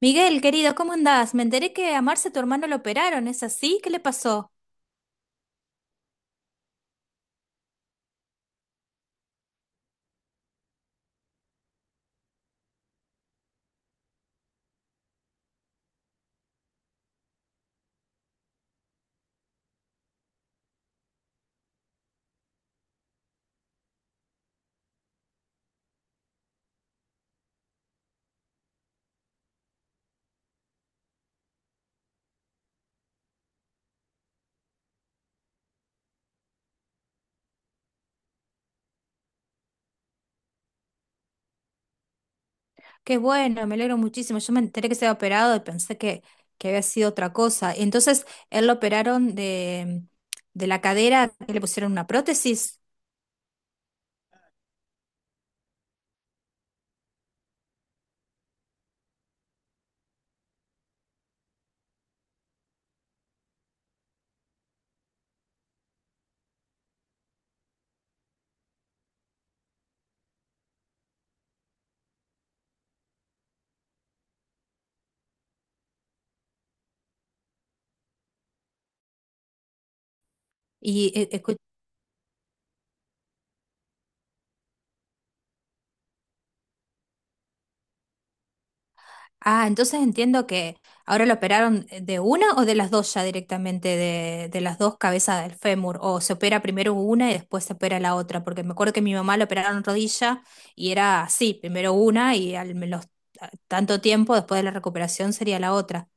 Miguel, querido, ¿cómo andás? Me enteré que a Marce, tu hermano, lo operaron. ¿Es así? ¿Qué le pasó? Qué bueno, me alegro muchísimo. Yo me enteré que se había operado y pensé que había sido otra cosa. Y entonces, él lo operaron de la cadera, que le pusieron una prótesis. Y entonces entiendo que ahora lo operaron de una o de las dos ya directamente, de las dos cabezas del fémur, o se opera primero una y después se opera la otra, porque me acuerdo que mi mamá lo operaron rodilla y era así, primero una y al menos tanto tiempo después de la recuperación sería la otra.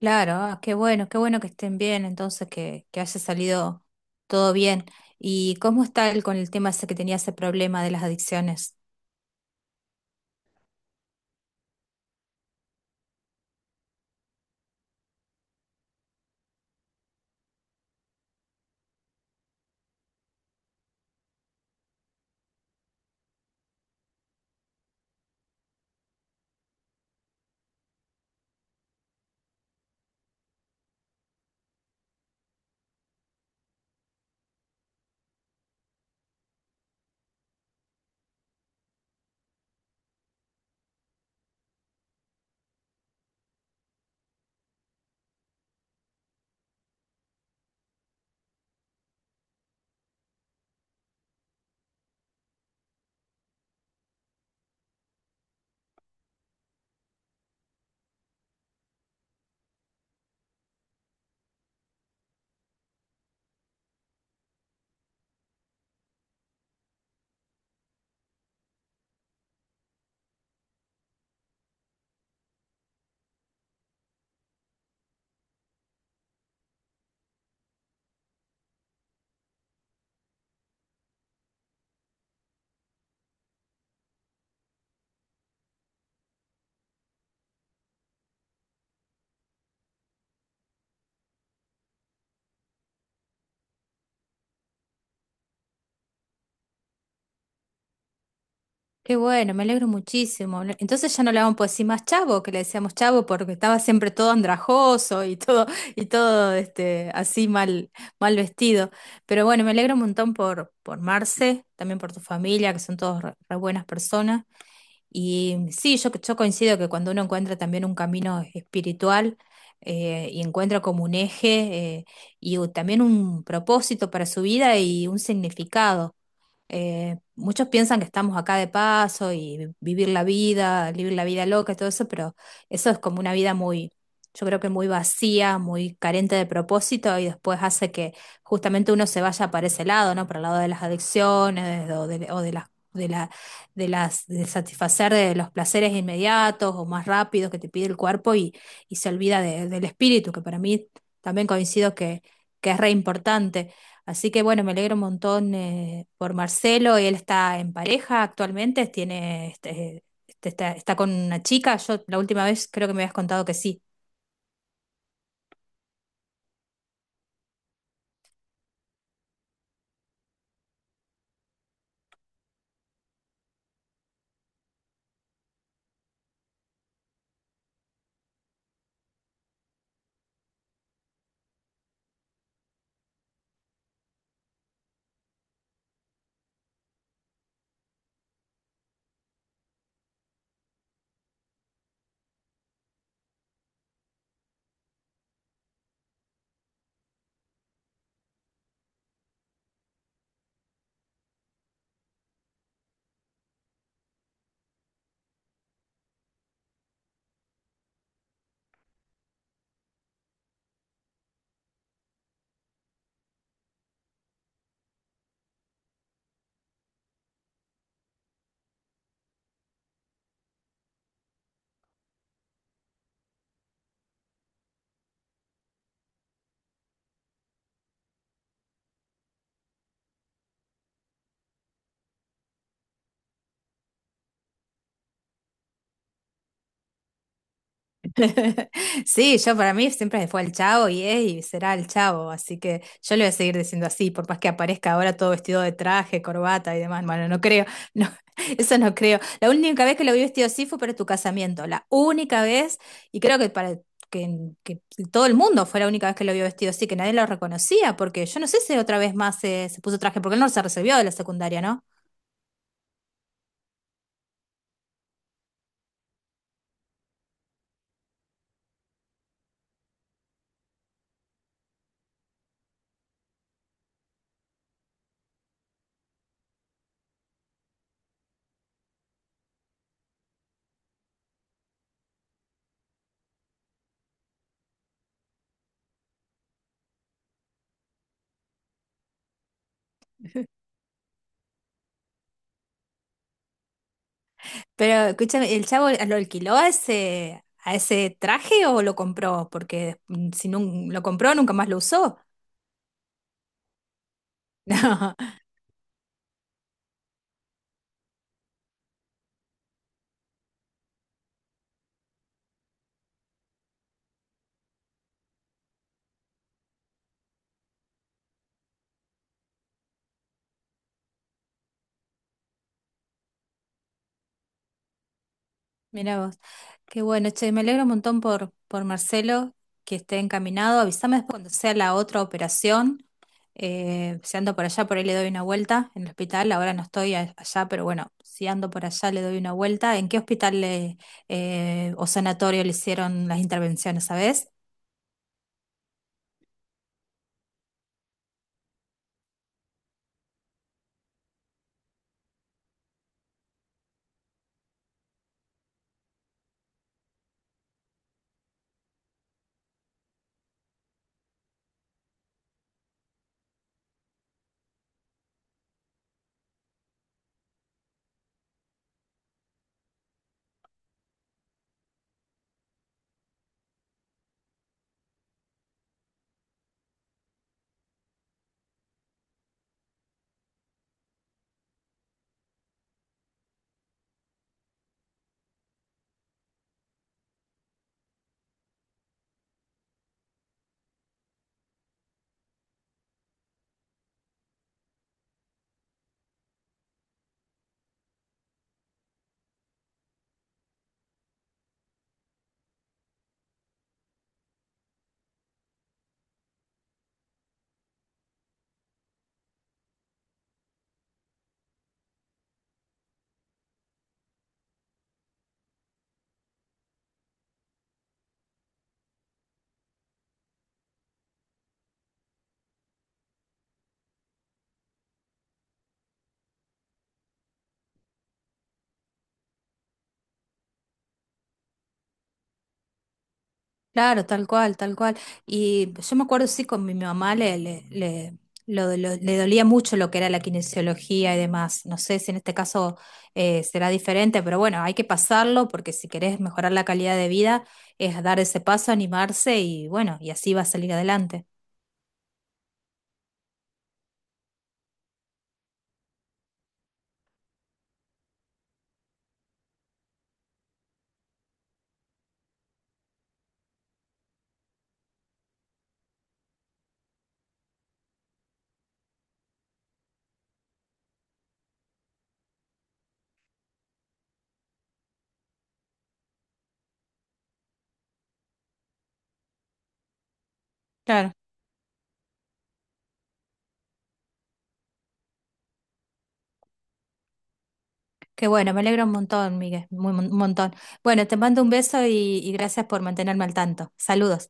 Claro, ah, qué bueno que estén bien, entonces que haya salido todo bien. ¿Y cómo está él con el tema ese que tenía ese problema de las adicciones? Qué bueno, me alegro muchísimo. No, entonces ya no le vamos a decir más chavo, que le decíamos chavo porque estaba siempre todo andrajoso y todo este así mal mal vestido. Pero bueno, me alegro un montón por Marce, también por tu familia, que son todos re, re buenas personas. Y sí, yo coincido que cuando uno encuentra también un camino espiritual y encuentra como un eje también un propósito para su vida y un significado. Muchos piensan que estamos acá de paso y vivir la vida loca y todo eso, pero eso es como una vida muy, yo creo que muy vacía, muy carente de propósito y después hace que justamente uno se vaya para ese lado, ¿no? Para el lado de las adicciones o de las... De la, de las, de satisfacer de los placeres inmediatos o más rápidos que te pide el cuerpo y se olvida del espíritu, que para mí también coincido que es re importante. Así que bueno, me alegro un montón por Marcelo. Él está en pareja actualmente, tiene, este, está, está con una chica. Yo la última vez creo que me habías contado que sí. Sí, yo para mí siempre fue el Chavo y es y será el Chavo, así que yo le voy a seguir diciendo así, por más que aparezca ahora todo vestido de traje, corbata y demás. Bueno, no creo, no, eso no creo. La única vez que lo vi vestido así fue para tu casamiento, la única vez, y creo que para que, que todo el mundo fue la única vez que lo vio vestido así, que nadie lo reconocía, porque yo no sé si otra vez más se, se puso traje, porque él no se resolvió de la secundaria, ¿no? Pero escúchame, ¿el chavo lo alquiló a ese traje o lo compró? Porque si no lo compró, nunca más lo usó. No, mira vos. Qué bueno, che, me alegro un montón por Marcelo que esté encaminado. Avísame después cuando sea la otra operación. Si ando por allá, por ahí le doy una vuelta en el hospital. Ahora no estoy allá, pero bueno, si ando por allá le doy una vuelta. ¿En qué hospital o sanatorio le hicieron las intervenciones, sabes? Claro, tal cual, tal cual. Y yo me acuerdo, sí, con mi mamá le, le, le, le dolía mucho lo que era la kinesiología y demás. No sé si en este caso será diferente, pero bueno, hay que pasarlo porque si querés mejorar la calidad de vida es dar ese paso, animarse y bueno, y así va a salir adelante. Claro, qué bueno, me alegro un montón, Miguel, muy, un montón. Bueno, te mando un beso y gracias por mantenerme al tanto. Saludos.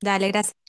Dale, gracias.